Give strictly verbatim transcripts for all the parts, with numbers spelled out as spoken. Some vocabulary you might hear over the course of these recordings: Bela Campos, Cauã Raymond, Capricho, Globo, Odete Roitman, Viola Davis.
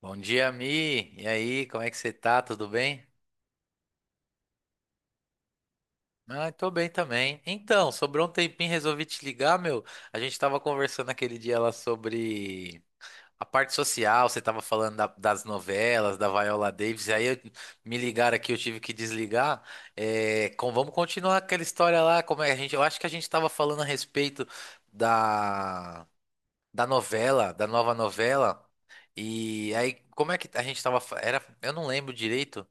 Bom dia, Mi. E aí, como é que você tá? Tudo bem? Ah, tô bem também. Então, sobrou um tempinho, resolvi te ligar, meu. A gente tava conversando aquele dia lá sobre a parte social, você tava falando da- das novelas, da Viola Davis, aí eu- me ligaram aqui, eu tive que desligar. É, com- vamos continuar aquela história lá, como é que a gente, eu acho que a gente tava falando a respeito da, da novela, da nova novela. E aí, como é que a gente tava, fa- era, eu não lembro direito.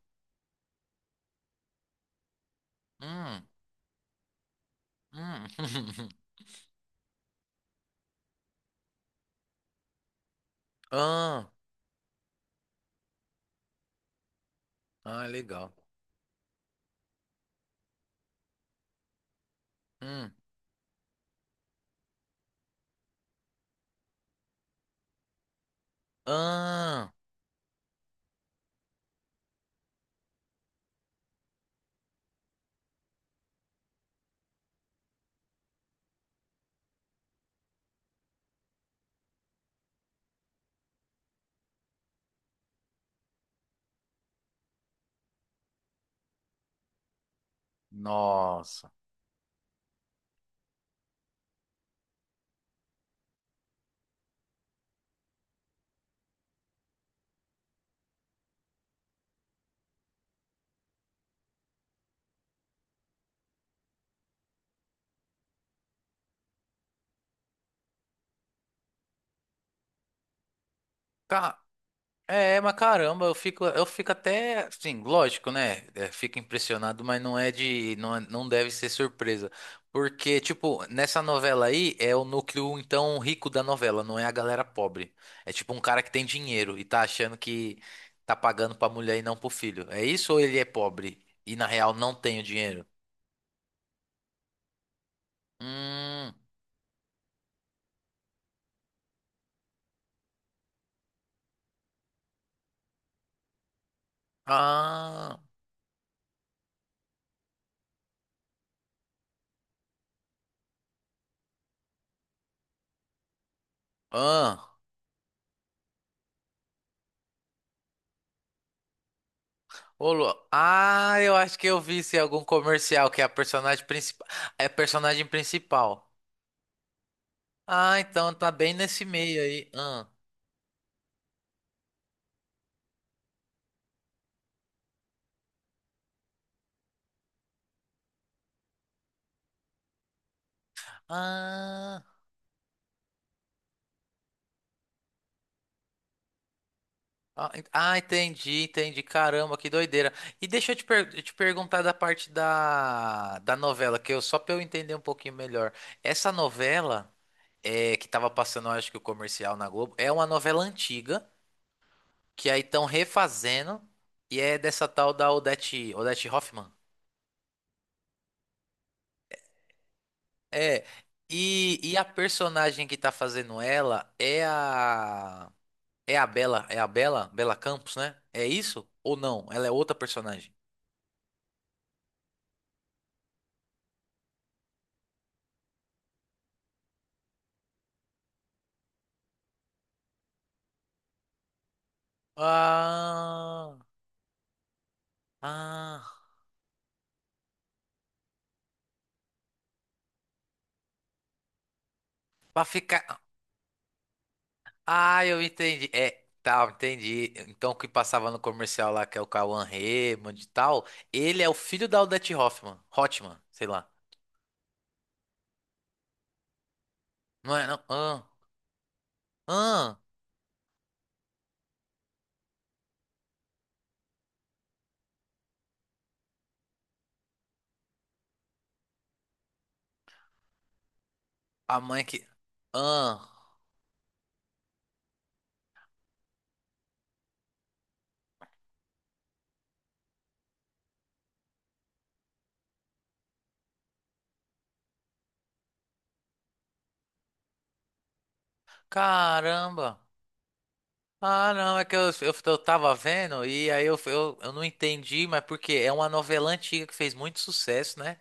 Hum. Hum. Ah, ah, legal. Hum. Ah, nossa. Ca- É, mas caramba, eu fico, eu fico até, assim, lógico, né? É, fico impressionado, mas não é de, não, é- não deve ser surpresa, porque tipo nessa novela aí é o núcleo então rico da novela, não é a galera pobre. É tipo um cara que tem dinheiro e tá achando que tá pagando pra mulher e não pro filho. É isso ou ele é pobre e na real não tem o dinheiro? Hum, ah. Ah, ô Lu- ah, eu acho que eu vi isso em algum comercial que é a personagem principal. É a personagem principal. Ah, então tá bem nesse meio aí. Ah, ah, ah, en- ah, entendi, entendi. Caramba, que doideira. E deixa eu te, per- te perguntar da parte da, da novela, que eu só pra eu entender um pouquinho melhor. Essa novela é que tava passando, eu acho que o comercial na Globo, é uma novela antiga que aí estão refazendo e é dessa tal da Odete, Odete Roitman. É, e, e a personagem que tá fazendo ela é a. É a Bela, é a Bela, Bela Campos, né? É isso? Ou não? Ela é outra personagem. Ah, ah, pra ficar. Ah, eu entendi. É, tá, entendi. Então o que passava no comercial lá, que é o Cauã Raymond e tal, ele é o filho da Odete Hoffman, Hotman, sei lá. Não é, não? Ah, ah, a mãe que. Ah, caramba. Ah, não, é que eu, eu, eu tava vendo e aí eu, eu, eu não entendi, mas porque é uma novela antiga que fez muito sucesso, né?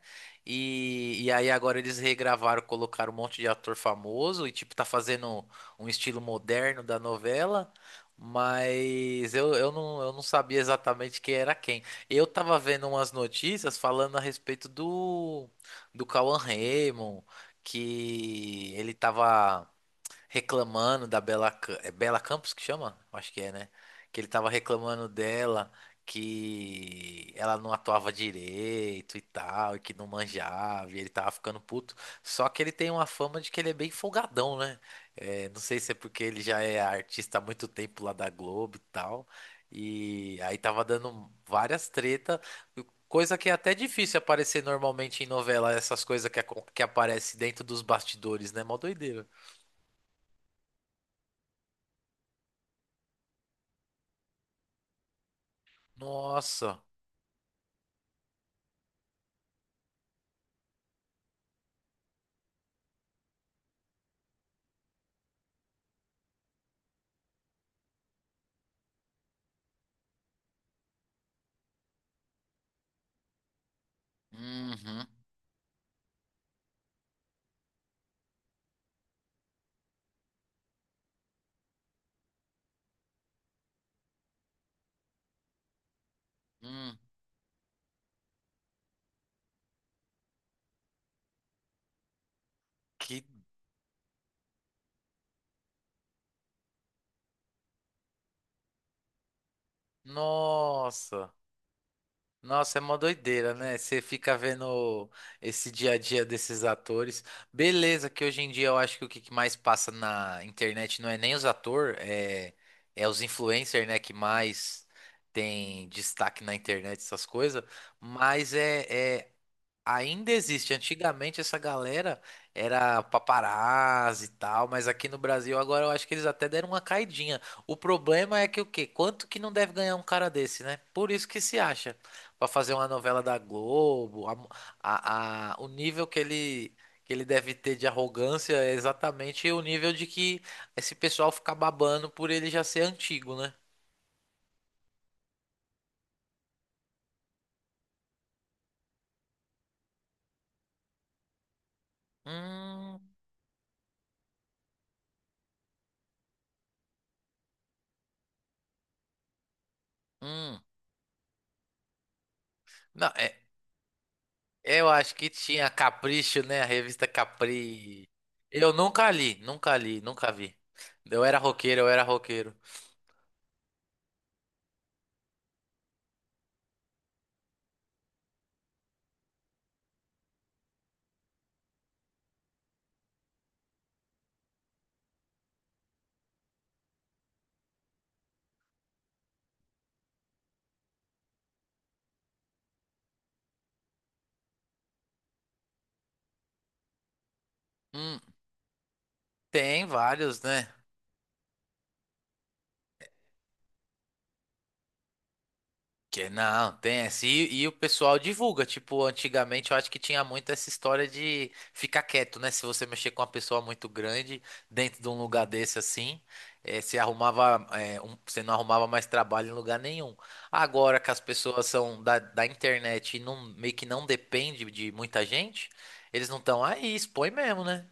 E, e aí agora eles regravaram, colocaram um monte de ator famoso e tipo tá fazendo um estilo moderno da novela, mas eu, eu não, eu não sabia exatamente quem era quem. Eu tava vendo umas notícias falando a respeito do do Cauan Raymond, que ele tava reclamando da Bela, Ca- é Bela Campos que chama? Acho que é, né? Que ele tava reclamando dela, que ela não atuava direito e tal, e que não manjava, e ele tava ficando puto. Só que ele tem uma fama de que ele é bem folgadão, né? É, não sei se é porque ele já é artista há muito tempo lá da Globo e tal. E aí tava dando várias tretas, coisa que é até difícil aparecer normalmente em novela, essas coisas que, acon- que aparecem dentro dos bastidores, né? Mó doideira. Nossa. Uhum. Hum. Que. Nossa. Nossa, é uma doideira, né? Você fica vendo esse dia a dia desses atores. Beleza, que hoje em dia eu acho que o que que mais passa na internet não é nem os atores, é, é os influencers, né? Que mais tem destaque na internet, essas coisas. Mas é, é ainda existe. Antigamente essa galera era paparazzi e tal, mas aqui no Brasil agora eu acho que eles até deram uma caidinha. O problema é que o quê? Quanto que não deve ganhar um cara desse, né? Por isso que se acha. Pra fazer uma novela da Globo, a, a- a- o nível que ele que ele deve ter de arrogância é exatamente o nível de que esse pessoal fica babando por ele já ser antigo, né? Hum, hum. Não, é. Eu acho que tinha Capricho, né? A revista Capri. Eu nunca li, nunca li, nunca vi. Eu era roqueiro, eu era roqueiro. Hum, tem vários, né? Que não, tem essa. E, e o pessoal divulga. Tipo, antigamente eu acho que tinha muito essa história de ficar quieto, né? Se você mexer com uma pessoa muito grande dentro de um lugar desse assim, eh, você arrumava, eh, um- você não arrumava mais trabalho em lugar nenhum. Agora que as pessoas são da, da internet e não, meio que não depende de muita gente, eles não estão aí, expõe mesmo, né?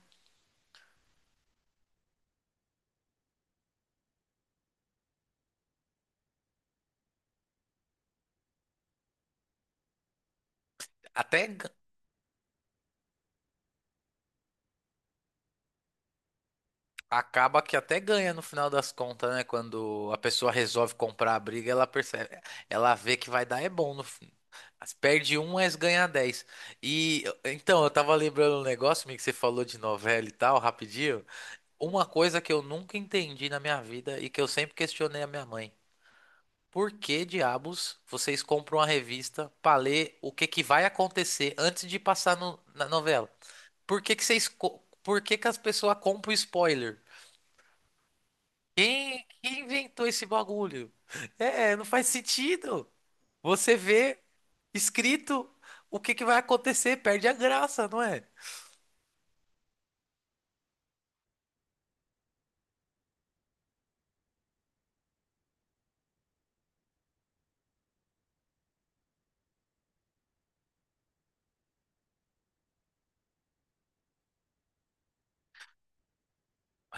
Até acaba que até ganha no final das contas, né? Quando a pessoa resolve comprar a briga, ela percebe, ela vê que vai dar é bom no fim. As- Perde um, mas ganha dez. E então, eu tava lembrando um negócio, meio que você falou de novela e tal, rapidinho. Uma coisa que eu nunca entendi na minha vida e que eu sempre questionei a minha mãe. Por que diabos vocês compram uma revista pra ler o que que vai acontecer antes de passar no- na novela? Por que que vocês, co- por que que as pessoas compram spoiler? Quem, quem inventou esse bagulho? É, não faz sentido. Você vê escrito o que que vai acontecer, perde a graça, não é?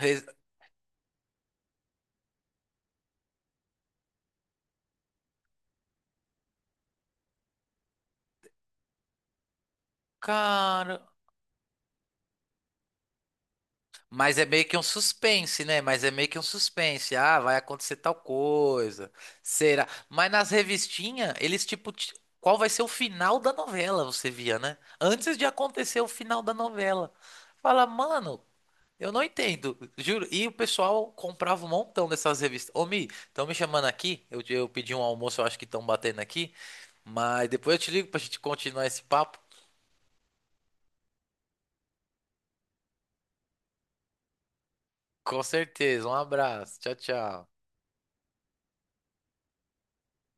Re- Cara, mas é meio que um suspense, né? Mas é meio que um suspense. Ah, vai acontecer tal coisa. Será? Mas nas revistinhas, eles tipo, ti- qual vai ser o final da novela, você via, né? Antes de acontecer o final da novela. Fala, mano, eu não entendo, juro. E o pessoal comprava um montão dessas revistas. Ô, Mi, estão me chamando aqui. Eu, eu pedi um almoço, eu acho que estão batendo aqui. Mas depois eu te ligo pra gente continuar esse papo. Com certeza. Um abraço. Tchau, tchau.